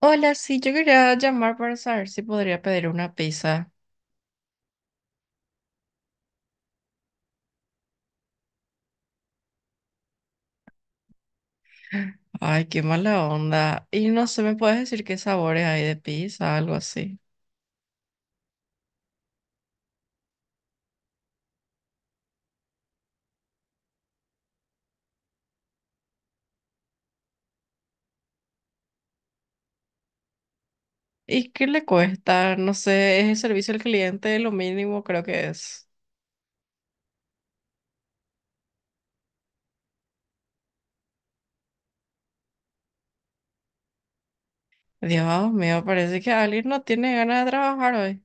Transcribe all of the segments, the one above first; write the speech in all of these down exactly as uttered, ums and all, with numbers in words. Hola, sí, yo quería llamar para saber si podría pedir una pizza. Ay, qué mala onda. Y no sé, ¿me puedes decir qué sabores hay de pizza, algo así? ¿Y qué le cuesta? No sé, es el servicio al cliente, lo mínimo creo que es. Dios mío, parece que alguien no tiene ganas de trabajar hoy.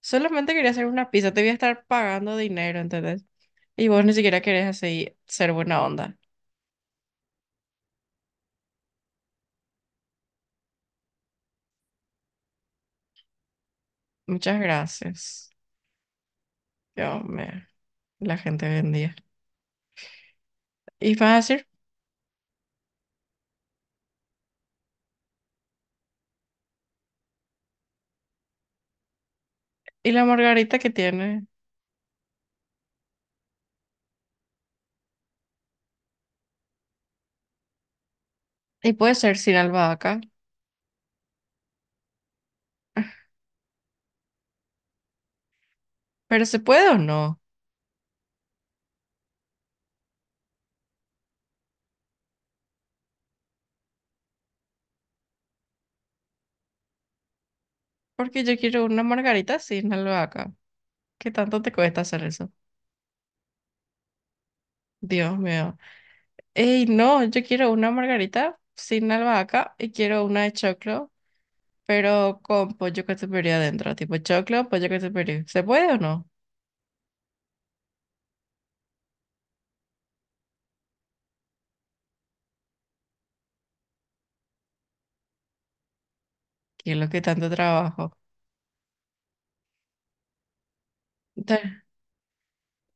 Solamente quería hacer una pizza, te voy a estar pagando dinero, ¿entendés? Y vos ni siquiera querés así ser buena onda. Muchas gracias. Dios mío, la gente vendía. Y vas a decir. Y la margarita que tiene. Y puede ser sin albahaca. Pero se puede o no. Porque yo quiero una margarita sin albahaca. ¿Qué tanto te cuesta hacer eso? Dios mío. Ey, no, yo quiero una margarita sin albahaca y quiero una de choclo, pero con pollo catupiry adentro. Tipo choclo, pollo catupiry. ¿Se puede o no? ¿Qué es lo que tanto trabajo? Ta-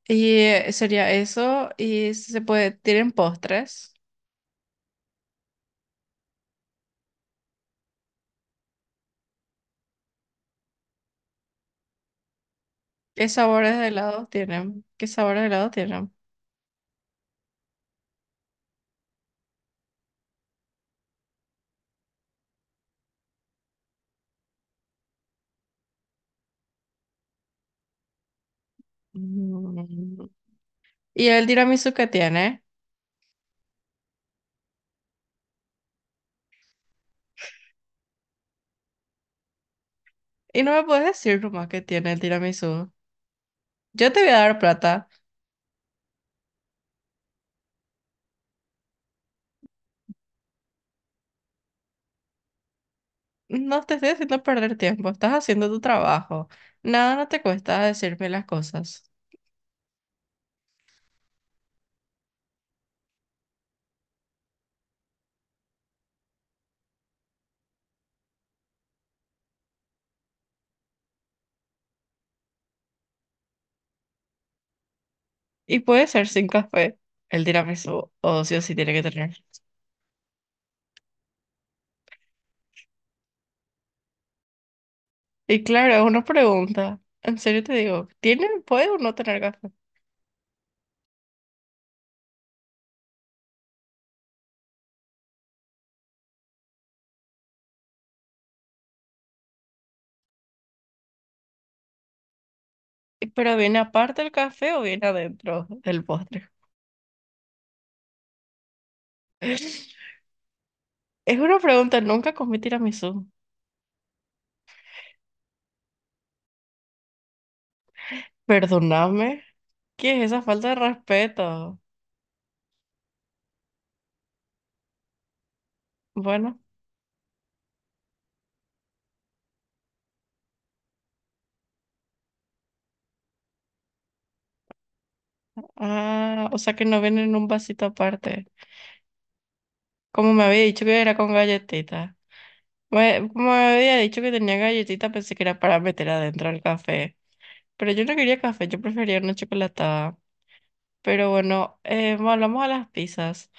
Y eh, sería eso. Y se puede, ¿tienen postres? ¿Qué sabores de helado tienen? ¿Qué sabores de helado tienen? Mm. ¿Y el tiramisú que tiene? Y no me puedes decir nomás que tiene el tiramisú. Yo te voy a dar plata. No te estoy haciendo perder tiempo, estás haciendo tu trabajo. Nada, no te cuesta decirme las cosas. Y puede ser sin café. El tiramisú, o sí o sí tiene que tener. Y claro, uno pregunta. En serio te digo, ¿tiene, puede o no tener café? Y pero viene aparte el café o viene adentro del postre. Es una pregunta, nunca comí tiramisú. Perdóname. ¿Qué es esa falta de respeto? Bueno, ah, o sea que no viene en un vasito aparte. Como me había dicho que era con galletita. Me- como me había dicho que tenía galletita, pensé que era para meter adentro el café. Pero yo no quería café, yo prefería una chocolatada. Pero bueno, eh, volvamos a las pizzas.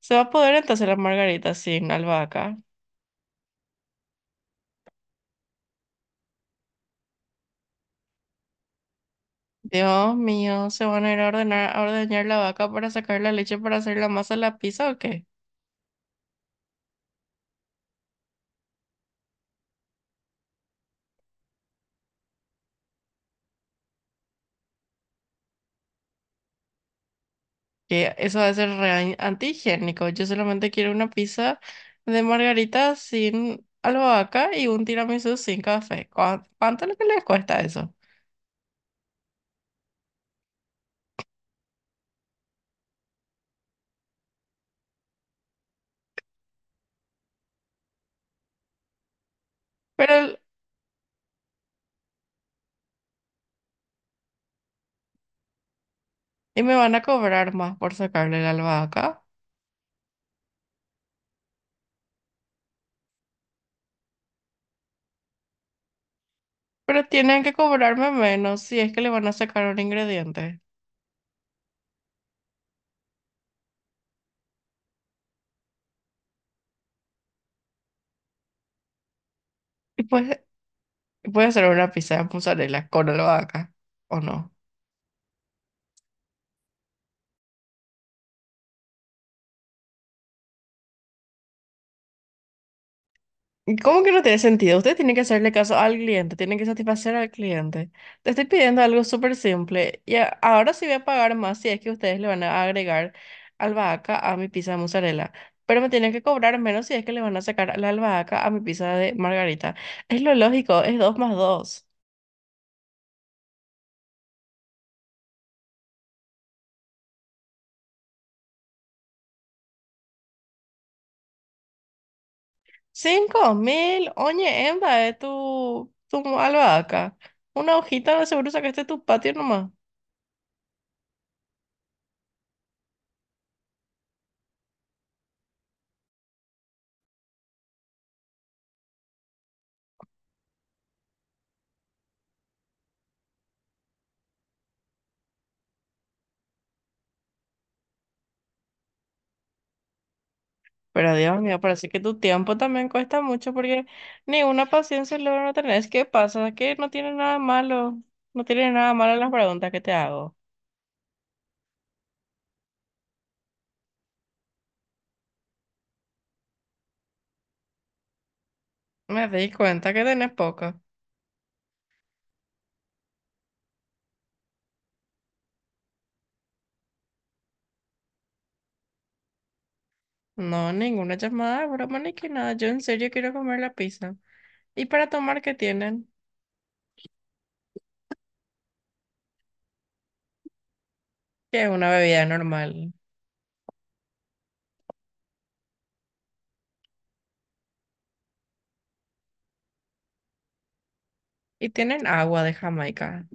¿Se va a poder entonces la margarita sin albahaca? Dios mío, ¿se van a ir a ordenar, a ordeñar la vaca para sacar la leche para hacer la masa de la pizza o qué? Que eso va a ser re antihigiénico. Yo solamente quiero una pizza de margarita sin albahaca y un tiramisú sin café. ¿Cuá- ¿Cuánto es lo que les cuesta eso? Pero, el- y me van a cobrar más por sacarle la albahaca, pero tienen que cobrarme menos si es que le van a sacar un ingrediente. Y pues, puede ser una pizza de mozzarella con albahaca, ¿o no? ¿Y ¿Cómo que no tiene sentido? Usted tiene que hacerle caso al cliente, tiene que satisfacer al cliente. Te estoy pidiendo algo súper simple y a- ahora sí voy a pagar más si es que ustedes le van a agregar albahaca a mi pizza de mozzarella, pero me tienen que cobrar menos si es que le van a sacar la albahaca a mi pizza de margarita. Es lo lógico, es dos más dos. Cinco mil, oye, emba, de tu, tu albahaca. Una hojita, seguro sacaste tu patio nomás. Pero Dios mío, parece que tu tiempo también cuesta mucho porque ni una paciencia logra no tener. Es que pasa que no tiene nada malo. No tiene nada malo las preguntas que te hago. Me di cuenta que tenés poca. No, ninguna llamada, broma ni que nada. Yo en serio quiero comer la pizza. ¿Y para tomar qué tienen? Que es una bebida normal. Y tienen agua de Jamaica.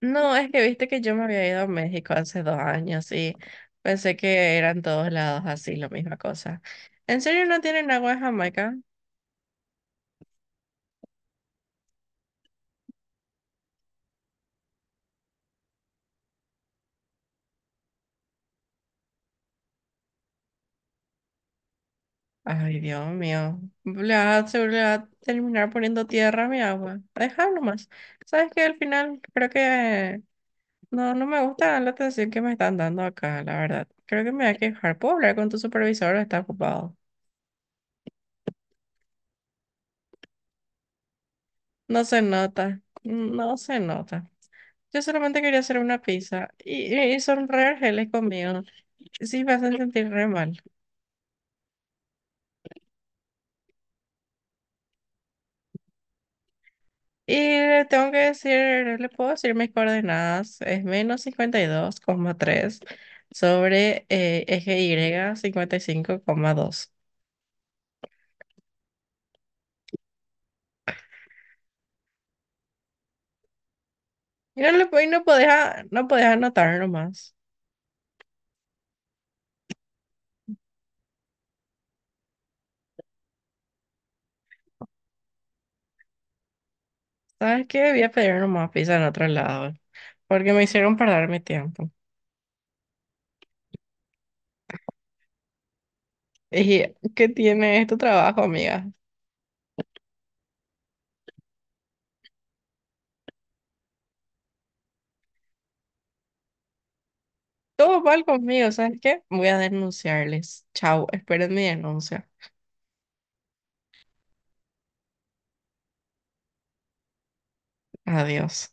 No, es que viste que yo me había ido a México hace dos años y pensé que eran todos lados así, la misma cosa. ¿En serio no tienen agua de Jamaica? Ay, Dios mío. Le va, se le va a terminar poniendo tierra a mi agua. Dejarlo más. Sabes que al final creo que no, no me gusta la atención que me están dando acá, la verdad. Creo que me voy a quejar. ¿Puedo hablar con tu supervisor o está ocupado? No se nota. No se nota. Yo solamente quería hacer una pizza y, y son re argeles conmigo. Sí, me hacen sentir re mal. Y le tengo que decir, no le puedo decir mis coordenadas. Es menos cincuenta y dos coma tres sobre eh, eje Y cincuenta y cinco coma dos. Y no, le, puedo- y no podés, a- no podés anotar nomás. ¿Sabes qué? Voy a pedir nomás pizza en otro lado. Porque me hicieron perder mi tiempo. Y ¿qué tiene este trabajo, amiga? Todo mal conmigo, ¿sabes qué? Voy a denunciarles. Chau, esperen mi denuncia. Adiós.